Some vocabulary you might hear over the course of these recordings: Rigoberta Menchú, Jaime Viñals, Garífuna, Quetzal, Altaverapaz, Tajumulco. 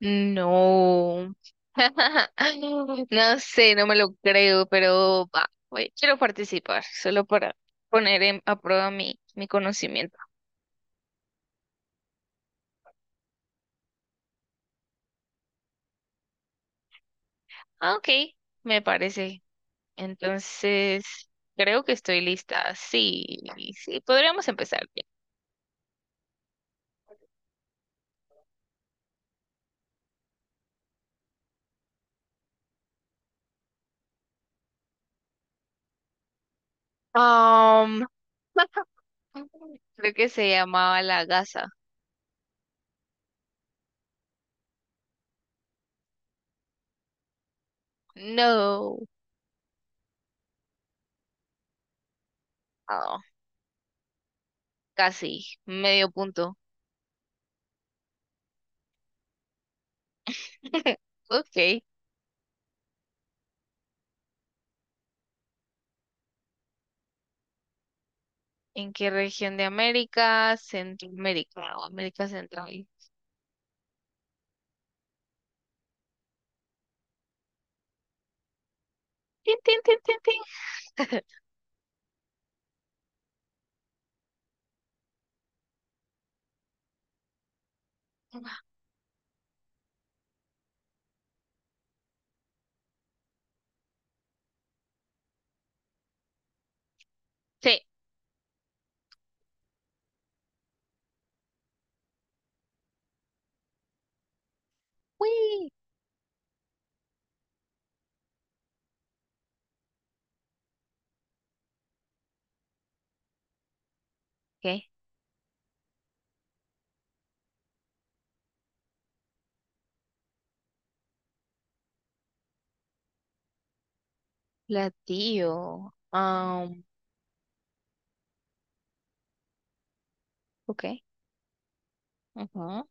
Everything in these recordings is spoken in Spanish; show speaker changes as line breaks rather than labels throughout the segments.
No. No sé, no me lo creo, pero va, quiero participar, solo para a prueba mi conocimiento. Ah, ok, me parece. Entonces, creo que estoy lista. Sí, sí, podríamos empezar bien. Am, creo que se llamaba la gasa. No. Ah, casi, medio punto. Ok. ¿En qué región de América? Centroamérica o América Central. Tin, tin, tin, tin, tin. Sí. Uy. ¿Qué? Platillo. Ok. Ujú.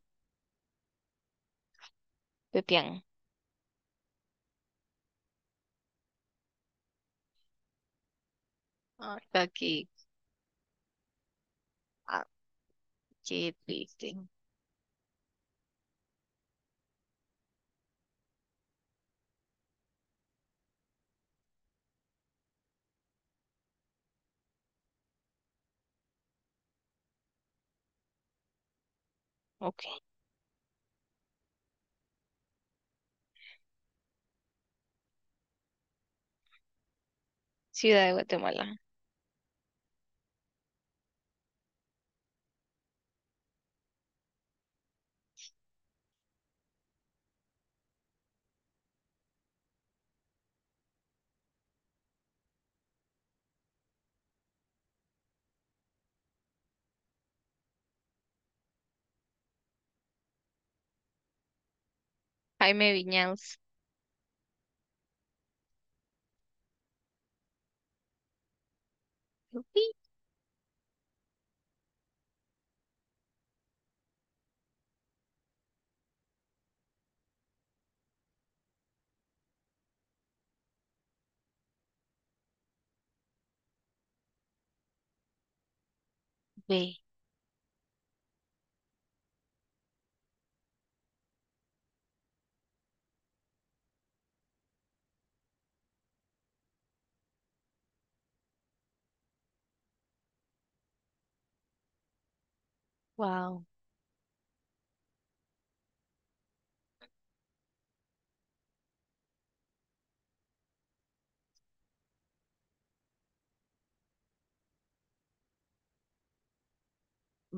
Pepián. Ah, está aquí. Ah, qué triste. Ok. Ciudad de Guatemala. Jaime Viñals. Upi. B. Wow.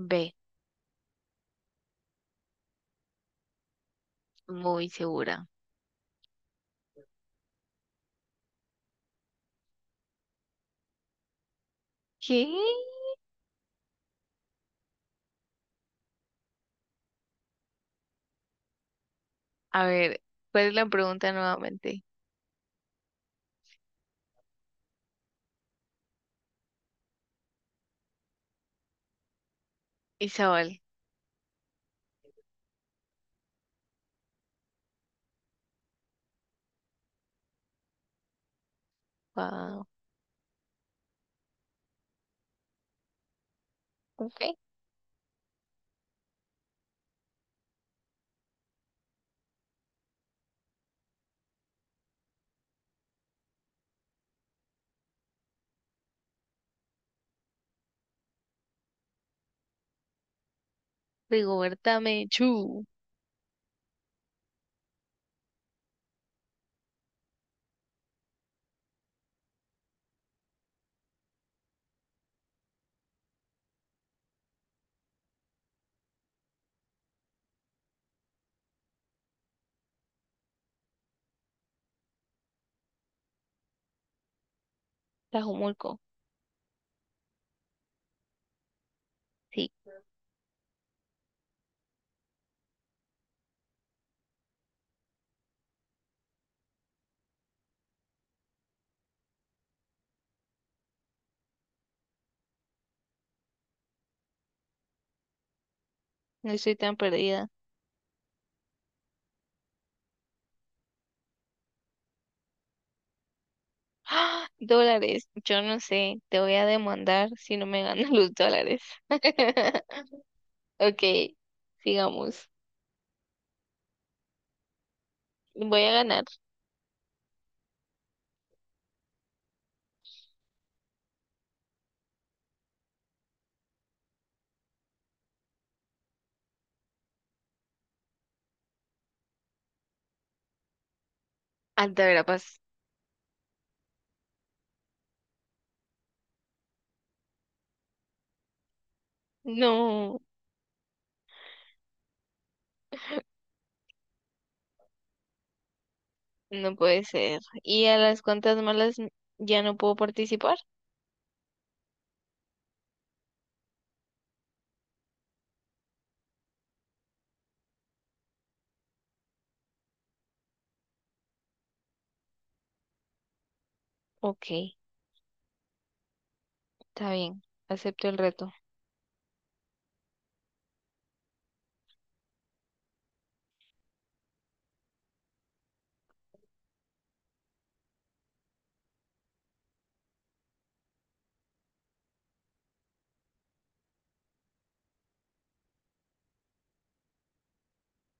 B. Muy segura. ¿Qué? A ver, ¿cuál es la pregunta nuevamente? Isabel. Wow. Ok. Rigoberta Menchú. Tajumulco, sí, no estoy tan perdida. ¡Ah! Dólares, yo no sé, te voy a demandar si no me ganas los dólares. Ok, sigamos. Voy a ganar. Altaverapaz. No, no puede ser. ¿Y a las cuantas malas ya no puedo participar? Ok, está bien, acepto el reto.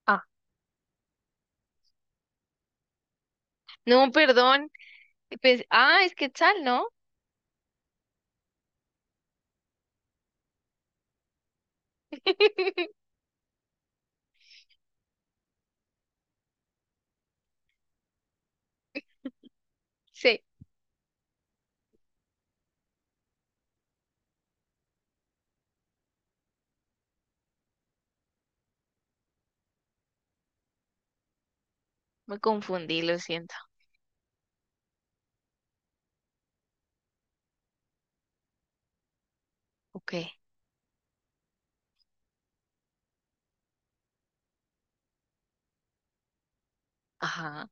Ah, no, perdón. Es Quetzal, ¿no? Sí, me confundí, lo siento. Ok, ajá,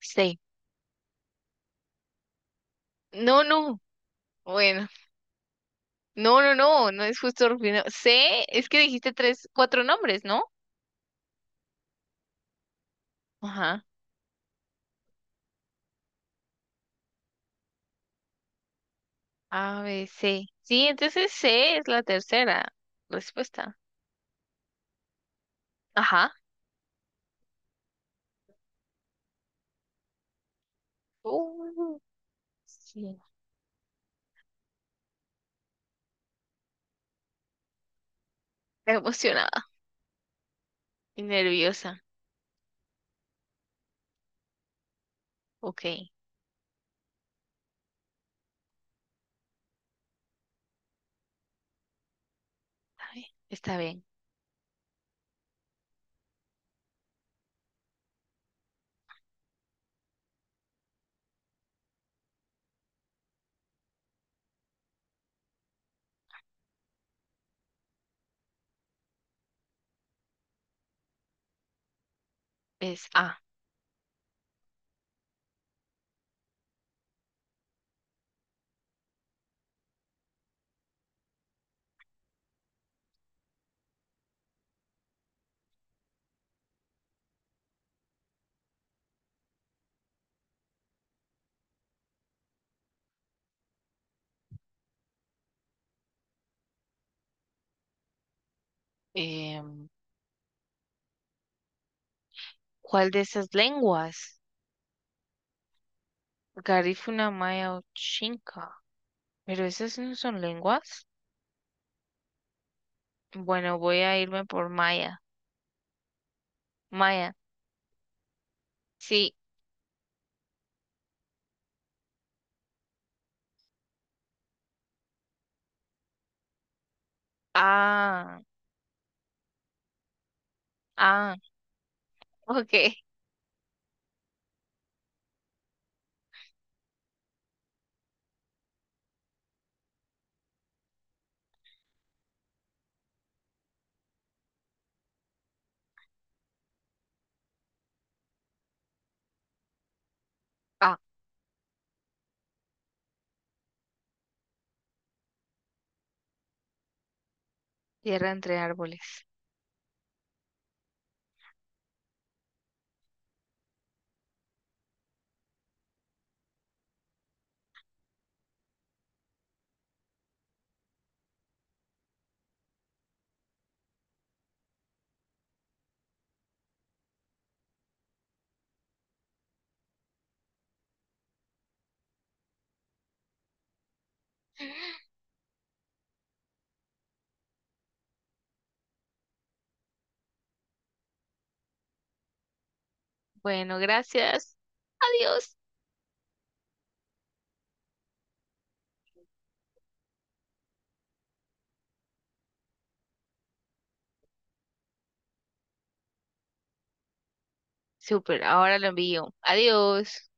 sí. No, no. Bueno, no, no, no, no es justo Rufino. C, es que dijiste tres, cuatro nombres, ¿no? Ajá. A, B, C. Sí, entonces C es la tercera respuesta. Ajá. Uh, sí. Emocionada y nerviosa. Ok, está bien. Está bien. Es A. Em, ¿cuál de esas lenguas? Garífuna maya o chinca. Pero esas no son lenguas. Bueno, voy a irme por maya. Maya. Sí. Ah, ah. Ok. Ah, tierra entre árboles. Bueno, gracias. Adiós. Super, ahora lo envío. Adiós.